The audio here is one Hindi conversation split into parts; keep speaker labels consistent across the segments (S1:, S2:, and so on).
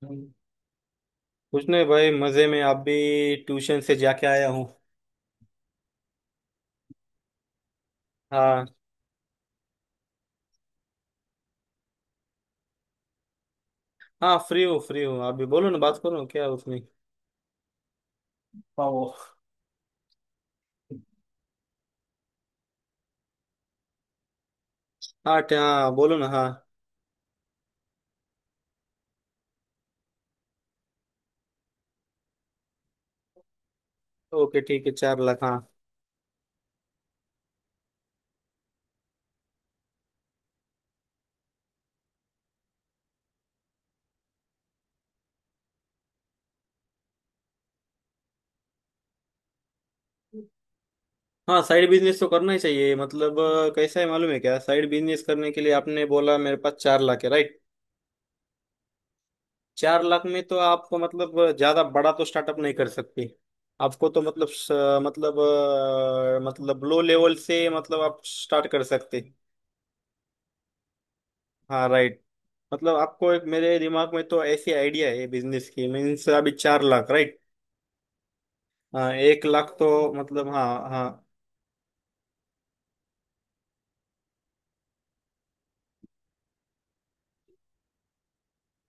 S1: कुछ नहीं भाई, मजे में। आप भी ट्यूशन से जाके आया हूँ। हाँ। हाँ, फ्री हूँ, फ्री हूँ। आप भी बोलो ना, बात करो ना, क्या है उसमें? पाओ। हाँ, बोलो ना। हाँ। ओके, ठीक है, 4 लाख। हाँ। हाँ, साइड बिजनेस तो करना ही चाहिए। मतलब कैसा है मालूम है क्या? साइड बिजनेस करने के लिए आपने बोला मेरे पास 4 लाख है, राइट? चार लाख में तो आप मतलब ज्यादा बड़ा तो स्टार्टअप नहीं कर सकते। आपको तो मतलब मतलब मतलब लो लेवल से मतलब आप स्टार्ट कर सकते। हाँ, राइट। मतलब आपको एक मेरे दिमाग में तो ऐसी आइडिया है बिजनेस की। मीन्स अभी 4 लाख, राइट? हाँ, 1 लाख तो मतलब, हाँ हाँ।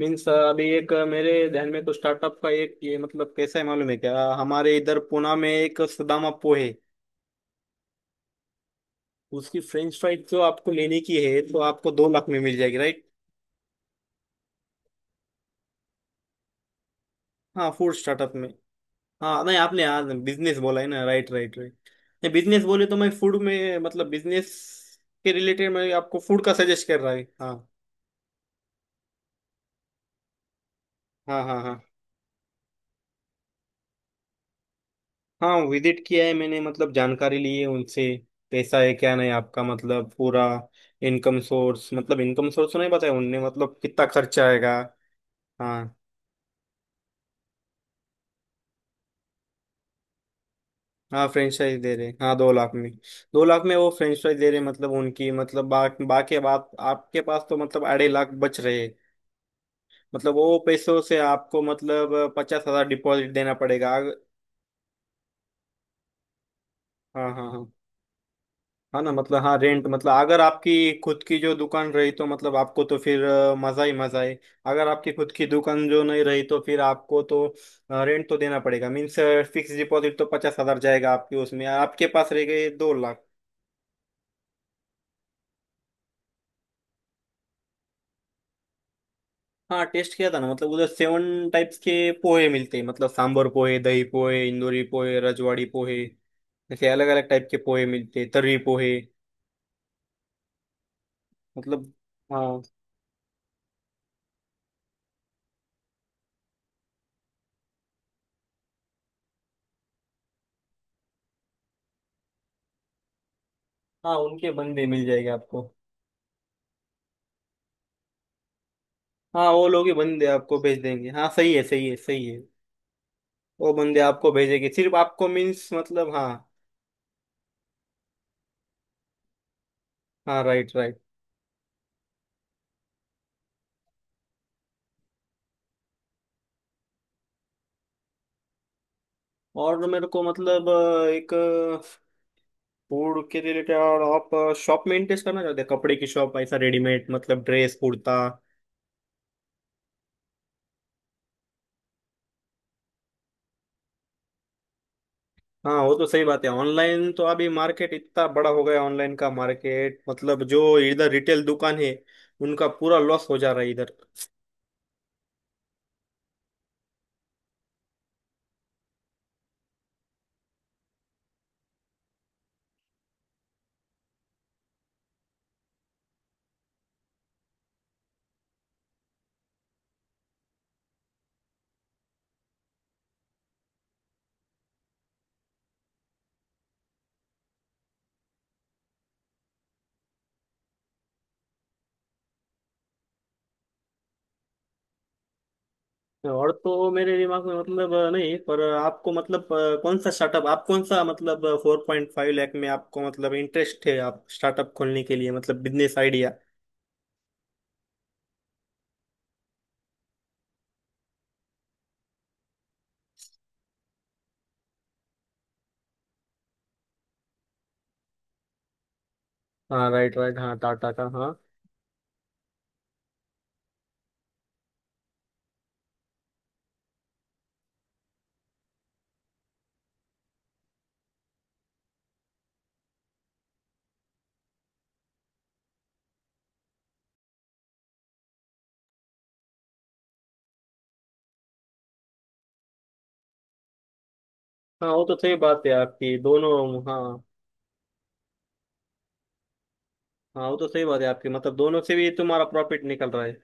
S1: मीन्स अभी एक मेरे ध्यान में तो स्टार्टअप का एक ये मतलब कैसा है मालूम है क्या? हमारे इधर पुणे में एक सुदामा पो है। उसकी फ्रेंच फ्राइज जो आपको लेने की है, तो आपको 2 लाख में मिल जाएगी, राइट। हाँ, फूड स्टार्टअप में। हाँ नहीं, आपने हाँ बिजनेस बोला है ना? Right right right. नहीं, बिजनेस बोले तो मैं फूड में, मतलब बिजनेस के रिलेटेड मैं आपको फूड का सजेस्ट कर रहा है। हाँ हाँ हाँ हाँ। हाँ, विजिट किया है मैंने, मतलब जानकारी ली है उनसे। कैसा है क्या, नहीं आपका मतलब पूरा इनकम सोर्स, मतलब इनकम सोर्स तो नहीं बताया उनने, मतलब कितना खर्चा आएगा। हाँ। हाँ, फ्रेंचाइज दे रहे, हाँ, 2 लाख में। दो लाख में वो फ्रेंचाइज दे रहे, मतलब उनकी मतलब बाकी बात, आपके पास तो मतलब 2.5 लाख बच रहे। मतलब वो पैसों से आपको मतलब 50 हजार डिपॉजिट देना पड़ेगा। हाँ हाँ हाँ। हाँ ना, मतलब हाँ, रेंट मतलब अगर आपकी खुद की जो दुकान रही, तो मतलब आपको तो फिर मजा ही मजा है। अगर आपकी खुद की दुकान जो नहीं रही, तो फिर आपको तो रेंट तो देना पड़ेगा। मीन्स फिक्स डिपॉजिट तो 50 हजार जाएगा आपके, उसमें आपके पास रह गए 2 लाख। हाँ, टेस्ट किया था ना, मतलब उधर 7 टाइप्स के पोहे मिलते हैं, मतलब सांभर पोहे, दही पोहे, इंदूरी पोहे, रजवाड़ी पोहे, ऐसे अलग अलग टाइप के पोहे मिलते हैं, तर्री पोहे। मतलब, हाँ। हाँ, उनके बंदे मिल जाएंगे आपको। हाँ, वो लोग ही बंदे आपको भेज देंगे। हाँ, सही है सही है सही है। वो बंदे आपको भेजेंगे, सिर्फ आपको, मीन्स मतलब हाँ। हाँ, राइट राइट। और मेरे को मतलब एक फूड के रिलेटेड, और आप शॉप मेंटेन करना चाहते हैं, कपड़े की शॉप, ऐसा रेडीमेड, मतलब ड्रेस कुर्ता। हाँ, वो तो सही बात है, ऑनलाइन तो अभी मार्केट इतना बड़ा हो गया, ऑनलाइन का मार्केट, मतलब जो इधर रिटेल दुकान है, उनका पूरा लॉस हो जा रहा है इधर। और तो मेरे दिमाग में मतलब नहीं, पर आपको मतलब कौन सा स्टार्टअप, आप कौन सा मतलब 4.5 लाख में आपको मतलब इंटरेस्ट है? आप स्टार्टअप खोलने के लिए, मतलब बिजनेस आइडिया। हाँ, राइट राइट, हाँ, टाटा का, हाँ। हाँ, वो तो सही बात है आपकी, दोनों। हाँ। हाँ, वो तो सही बात है आपकी, मतलब दोनों से भी तुम्हारा प्रॉफिट निकल रहा है।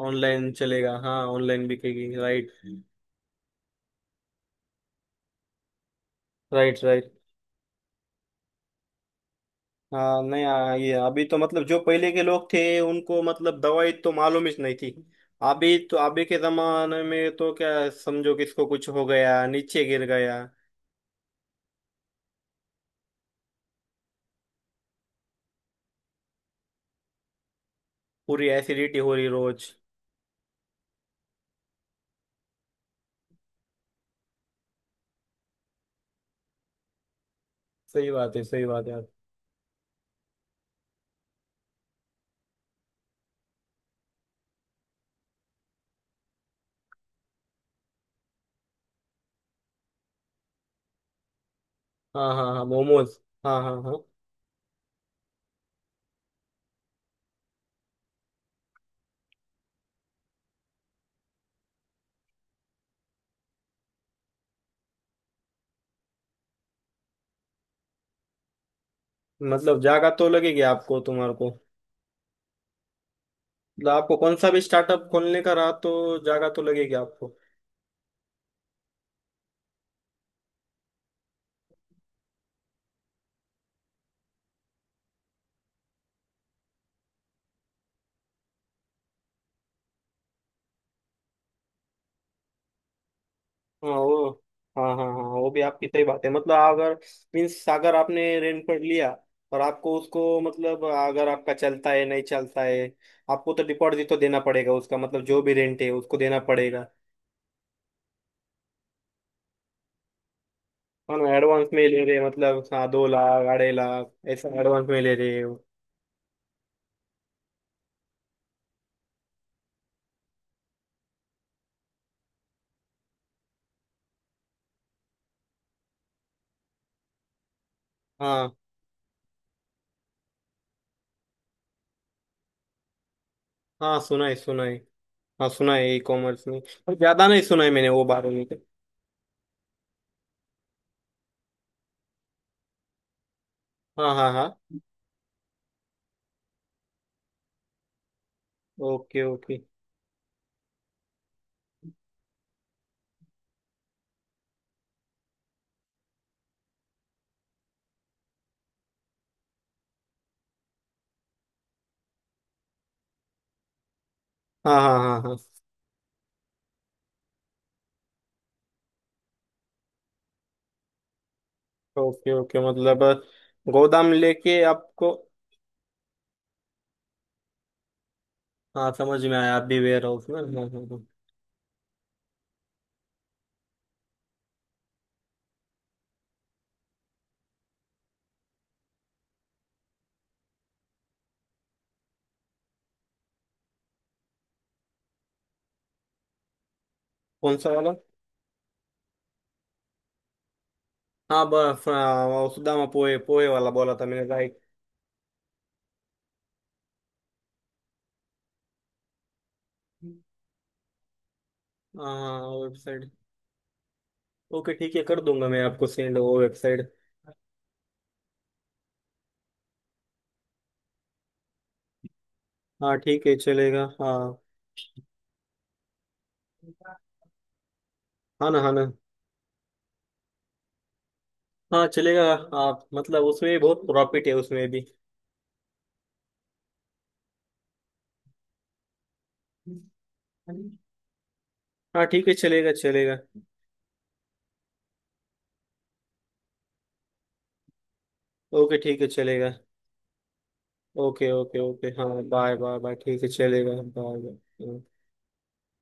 S1: ऑनलाइन चलेगा, हाँ, ऑनलाइन बिकेगी, राइट। Right right. हाँ नहीं, हाँ, ये अभी तो मतलब जो पहले के लोग थे उनको मतलब दवाई तो मालूम ही नहीं थी। अभी तो अभी के जमाने में तो क्या समझो, किसको कुछ हो गया, नीचे गिर गया। पूरी एसिडिटी हो रही रोज। सही बात है सही बात है। हाँ हाँ हाँ, मोमोज। हाँ हाँ हाँ। मतलब जागा तो लगेगी आपको, तुम्हारे को। मतलब आपको कौन सा भी स्टार्टअप खोलने का रहा, तो जागा तो लगेगी आपको। हाँ, वो, हाँ हाँ हाँ, वो भी आपकी सही बात है, मतलब अगर मीन्स, अगर आपने रेनकोट लिया, और आपको उसको, मतलब अगर आपका चलता है नहीं चलता है, आपको तो डिपॉजिट तो देना पड़ेगा उसका, मतलब जो भी रेंट है उसको देना पड़ेगा। है ना, एडवांस में ही ले रहे हैं, मतलब हाँ, 2 लाख 2.5 लाख ऐसा एडवांस में ले रहे हो। हाँ हाँ, सुना है सुना है। हाँ, सुना है ई कॉमर्स में, पर ज्यादा नहीं सुना है मैंने वो बारे में। हाँ हाँ हाँ। Okay okay. हाँ हाँ हाँ हाँ। ओके ओके, मतलब गोदाम लेके आपको। हाँ, समझ में आया, आप भी वेयर हाउस में। कौन सा वाला? हाँ बस, हाँ, वो सुदामा पोहे पोहे वाला बोला था मैंने, राइट। हाँ, वेबसाइट। ओके, ठीक है, कर दूंगा मैं आपको सेंड वो वेबसाइट। हाँ, ठीक है, चलेगा, हाँ। हाँ ना, हाँ ना। हाँ, चलेगा, आप मतलब उसमें बहुत प्रॉफिट है उसमें भी। हाँ, ठीक है, चलेगा चलेगा। ओके, ठीक है, चलेगा। ओके ओके ओके, हाँ, बाय बाय बाय, ठीक है, चलेगा, बाय बाय।